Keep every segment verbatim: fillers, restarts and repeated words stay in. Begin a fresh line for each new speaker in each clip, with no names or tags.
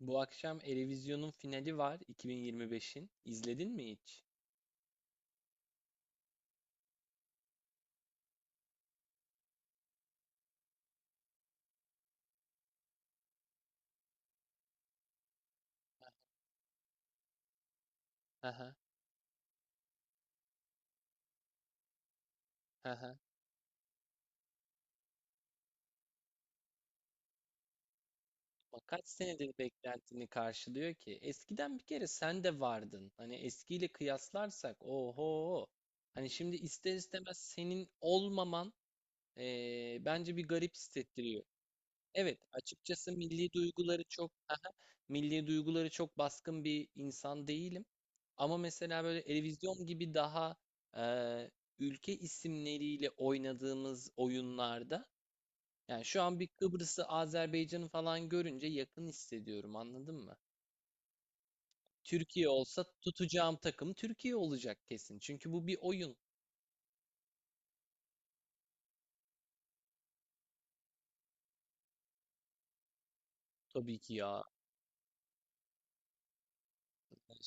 Bu akşam Eurovision'un finali var iki bin yirmi beşin. İzledin mi hiç? Aha, aha. Ama kaç senedir beklentini karşılıyor ki? Eskiden bir kere sen de vardın. Hani eskiyle kıyaslarsak oho. Hani şimdi ister istemez senin olmaman eee, bence bir garip hissettiriyor. Evet, açıkçası milli duyguları çok Aha, milli duyguları çok baskın bir insan değilim. Ama mesela böyle televizyon gibi daha eee, ülke isimleriyle oynadığımız oyunlarda, yani şu an bir Kıbrıs'ı, Azerbaycan'ı falan görünce yakın hissediyorum, anladın mı? Türkiye olsa tutacağım takım Türkiye olacak kesin. Çünkü bu bir oyun, tabii ki ya.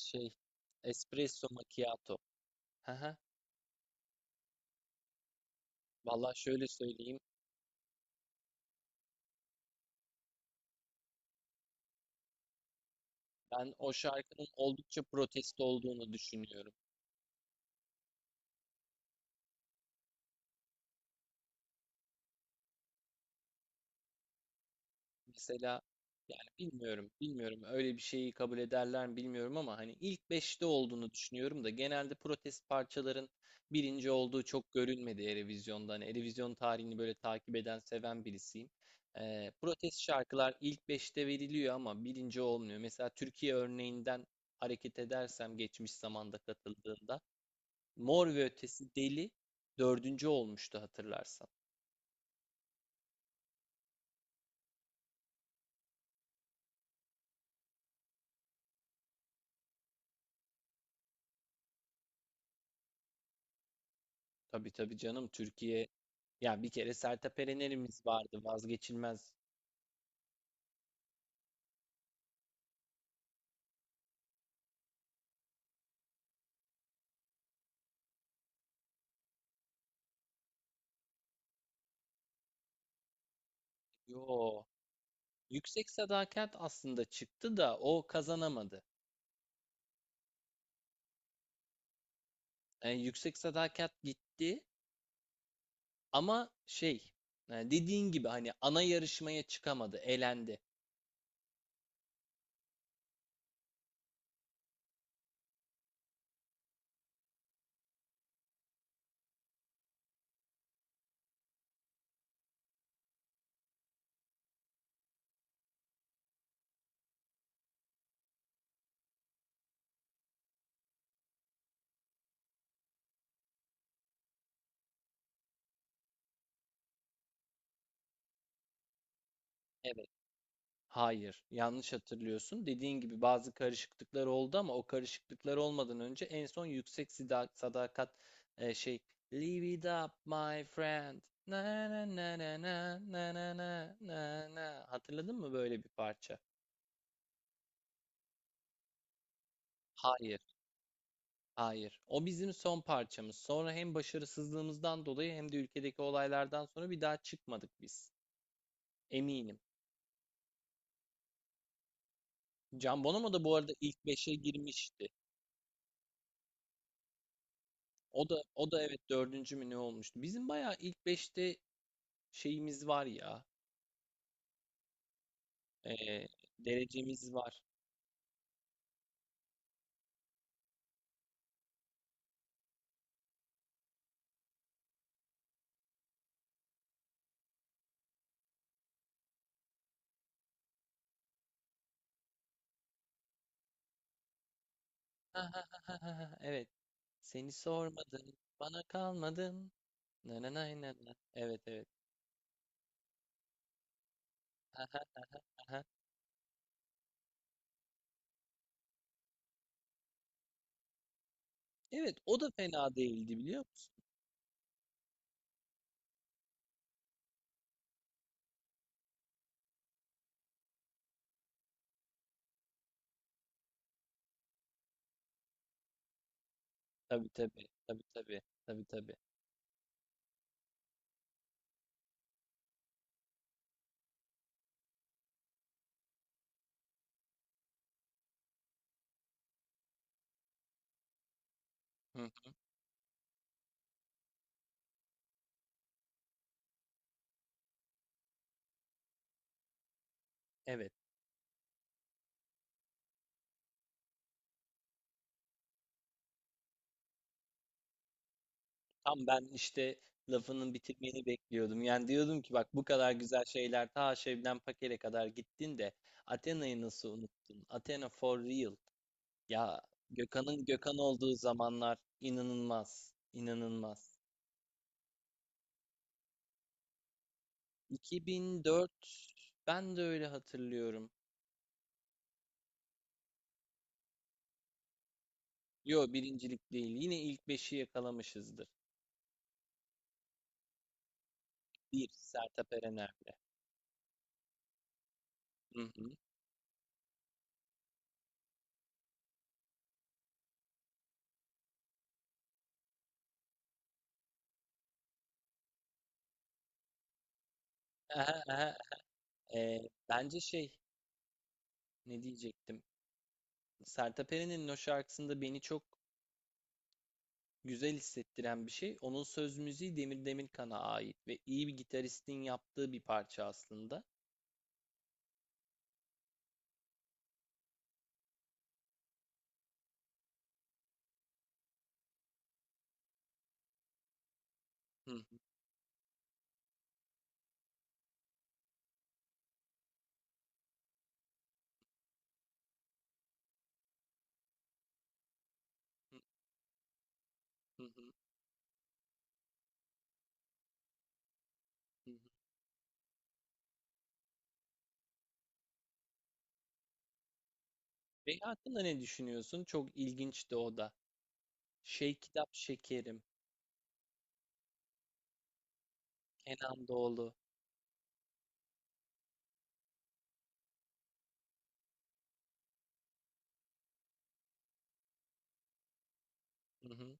Şey, espresso macchiato. Haha. Vallahi şöyle söyleyeyim. Ben o şarkının oldukça protesto olduğunu düşünüyorum. Mesela yani bilmiyorum, bilmiyorum öyle bir şeyi kabul ederler mi bilmiyorum ama hani ilk beşte olduğunu düşünüyorum da genelde protest parçaların birinci olduğu çok görülmedi Eurovision'da. Hani Eurovision tarihini böyle takip eden, seven birisiyim. Ee, protest şarkılar ilk beşte veriliyor ama birinci olmuyor. Mesela Türkiye örneğinden hareket edersem, geçmiş zamanda katıldığında Mor ve Ötesi Deli dördüncü olmuştu, hatırlarsan. Tabii tabii, canım Türkiye ya, bir kere Sertab Erener'imiz vardı, vazgeçilmez. Yo, Yüksek Sadakat aslında çıktı da o kazanamadı. Yani Yüksek Sadakat gitti ama şey, yani dediğin gibi hani ana yarışmaya çıkamadı, elendi. Evet. Hayır, yanlış hatırlıyorsun. Dediğin gibi bazı karışıklıklar oldu ama o karışıklıklar olmadan önce en son yüksek sida- sadakat, e, şey, Live it up my friend. Na na na na na na na na na na. Hatırladın mı böyle bir parça? Hayır, hayır. O bizim son parçamız. Sonra hem başarısızlığımızdan dolayı hem de ülkedeki olaylardan sonra bir daha çıkmadık biz. Eminim. Can Bonomo da bu arada ilk beşe girmişti. O da o da evet, dördüncü mü ne olmuştu? Bizim bayağı ilk beşte şeyimiz var ya. eee, derecemiz var. Ha, ha, ha, ha, ha, ha. Evet. Seni sormadım. Bana kalmadın. Na na na na na. Evet, evet. Ha, ha, ha, ha. Evet, o da fena değildi biliyor musun? Tabii tabii. Tabii tabii. Tabii tabii. Hı hı. Evet. Tam ben işte lafının bitirmeni bekliyordum. Yani diyordum ki bak, bu kadar güzel şeyler ta Şebnem Paker'e kadar gittin de Athena'yı nasıl unuttun? Athena for real. Ya Gökhan'ın Gökhan olduğu zamanlar inanılmaz, inanılmaz. iki bin dört, ben de öyle hatırlıyorum. Yo, birincilik değil. Yine ilk beşi yakalamışızdır. Bir Sertab Erener'le. Hı hı. Aha, aha. Ee, bence şey ne diyecektim? Sertab Erener'in o şarkısında beni çok güzel hissettiren bir şey. Onun söz müziği Demir Demirkan'a ait ve iyi bir gitaristin yaptığı bir parça aslında. Hı hı, hı hı, hı hı. Bey hakkında ne düşünüyorsun? Çok ilginçti o da. Şey, Kitap Şekerim, Kenan Doğulu. Hı hı,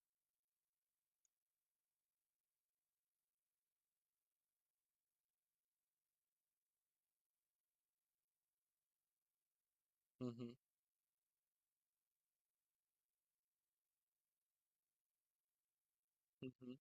hı hı, hı hı.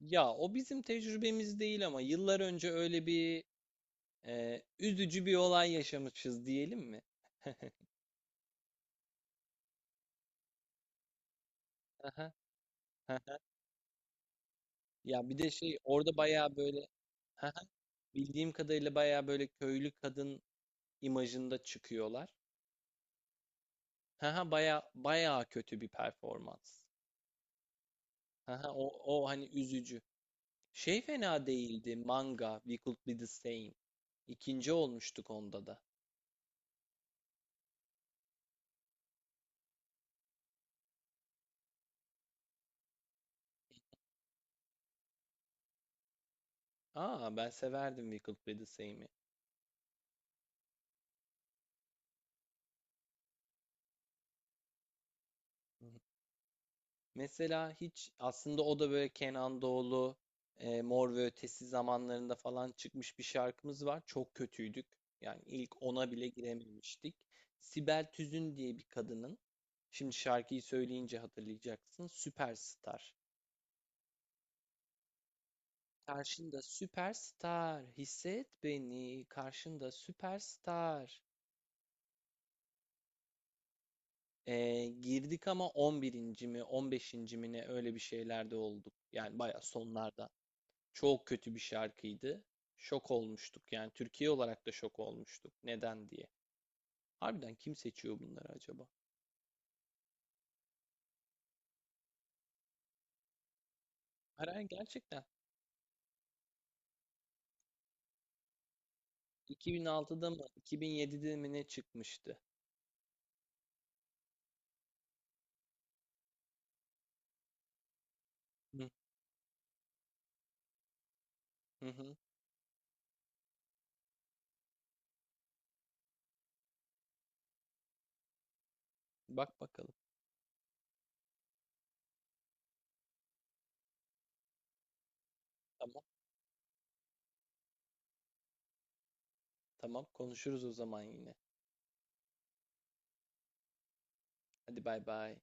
Ya o bizim tecrübemiz değil ama yıllar önce öyle bir e, üzücü bir olay yaşamışız, diyelim mi? Aha, aha. Ya bir de şey, orada bayağı böyle Aha, bildiğim kadarıyla bayağı böyle köylü kadın imajında çıkıyorlar. Haha, baya baya kötü bir performans. Haha, o o hani üzücü. Şey, fena değildi. Manga, We Could Be The Same. İkinci olmuştuk onda da. Aa, ben severdim We Could Be The Same'i. Mesela hiç aslında, o da böyle Kenan Doğulu, e, Mor ve Ötesi zamanlarında falan çıkmış bir şarkımız var. Çok kötüydük. Yani ilk ona bile girememiştik. Sibel Tüzün diye bir kadının, şimdi şarkıyı söyleyince hatırlayacaksın, Süperstar. Karşında süperstar, hisset beni, karşında süperstar. E, girdik ama 11. mi, 15. mi ne öyle bir şeylerde olduk. Yani baya sonlarda. Çok kötü bir şarkıydı. Şok olmuştuk, yani Türkiye olarak da şok olmuştuk. Neden diye. Harbiden kim seçiyor bunları acaba? Hayır, hayır, gerçekten. iki bin altıda mı iki bin yedide mi ne çıkmıştı? Hı hı, hı. Bak bakalım. Tamam, tamam, konuşuruz o zaman yine. Hadi bay bay.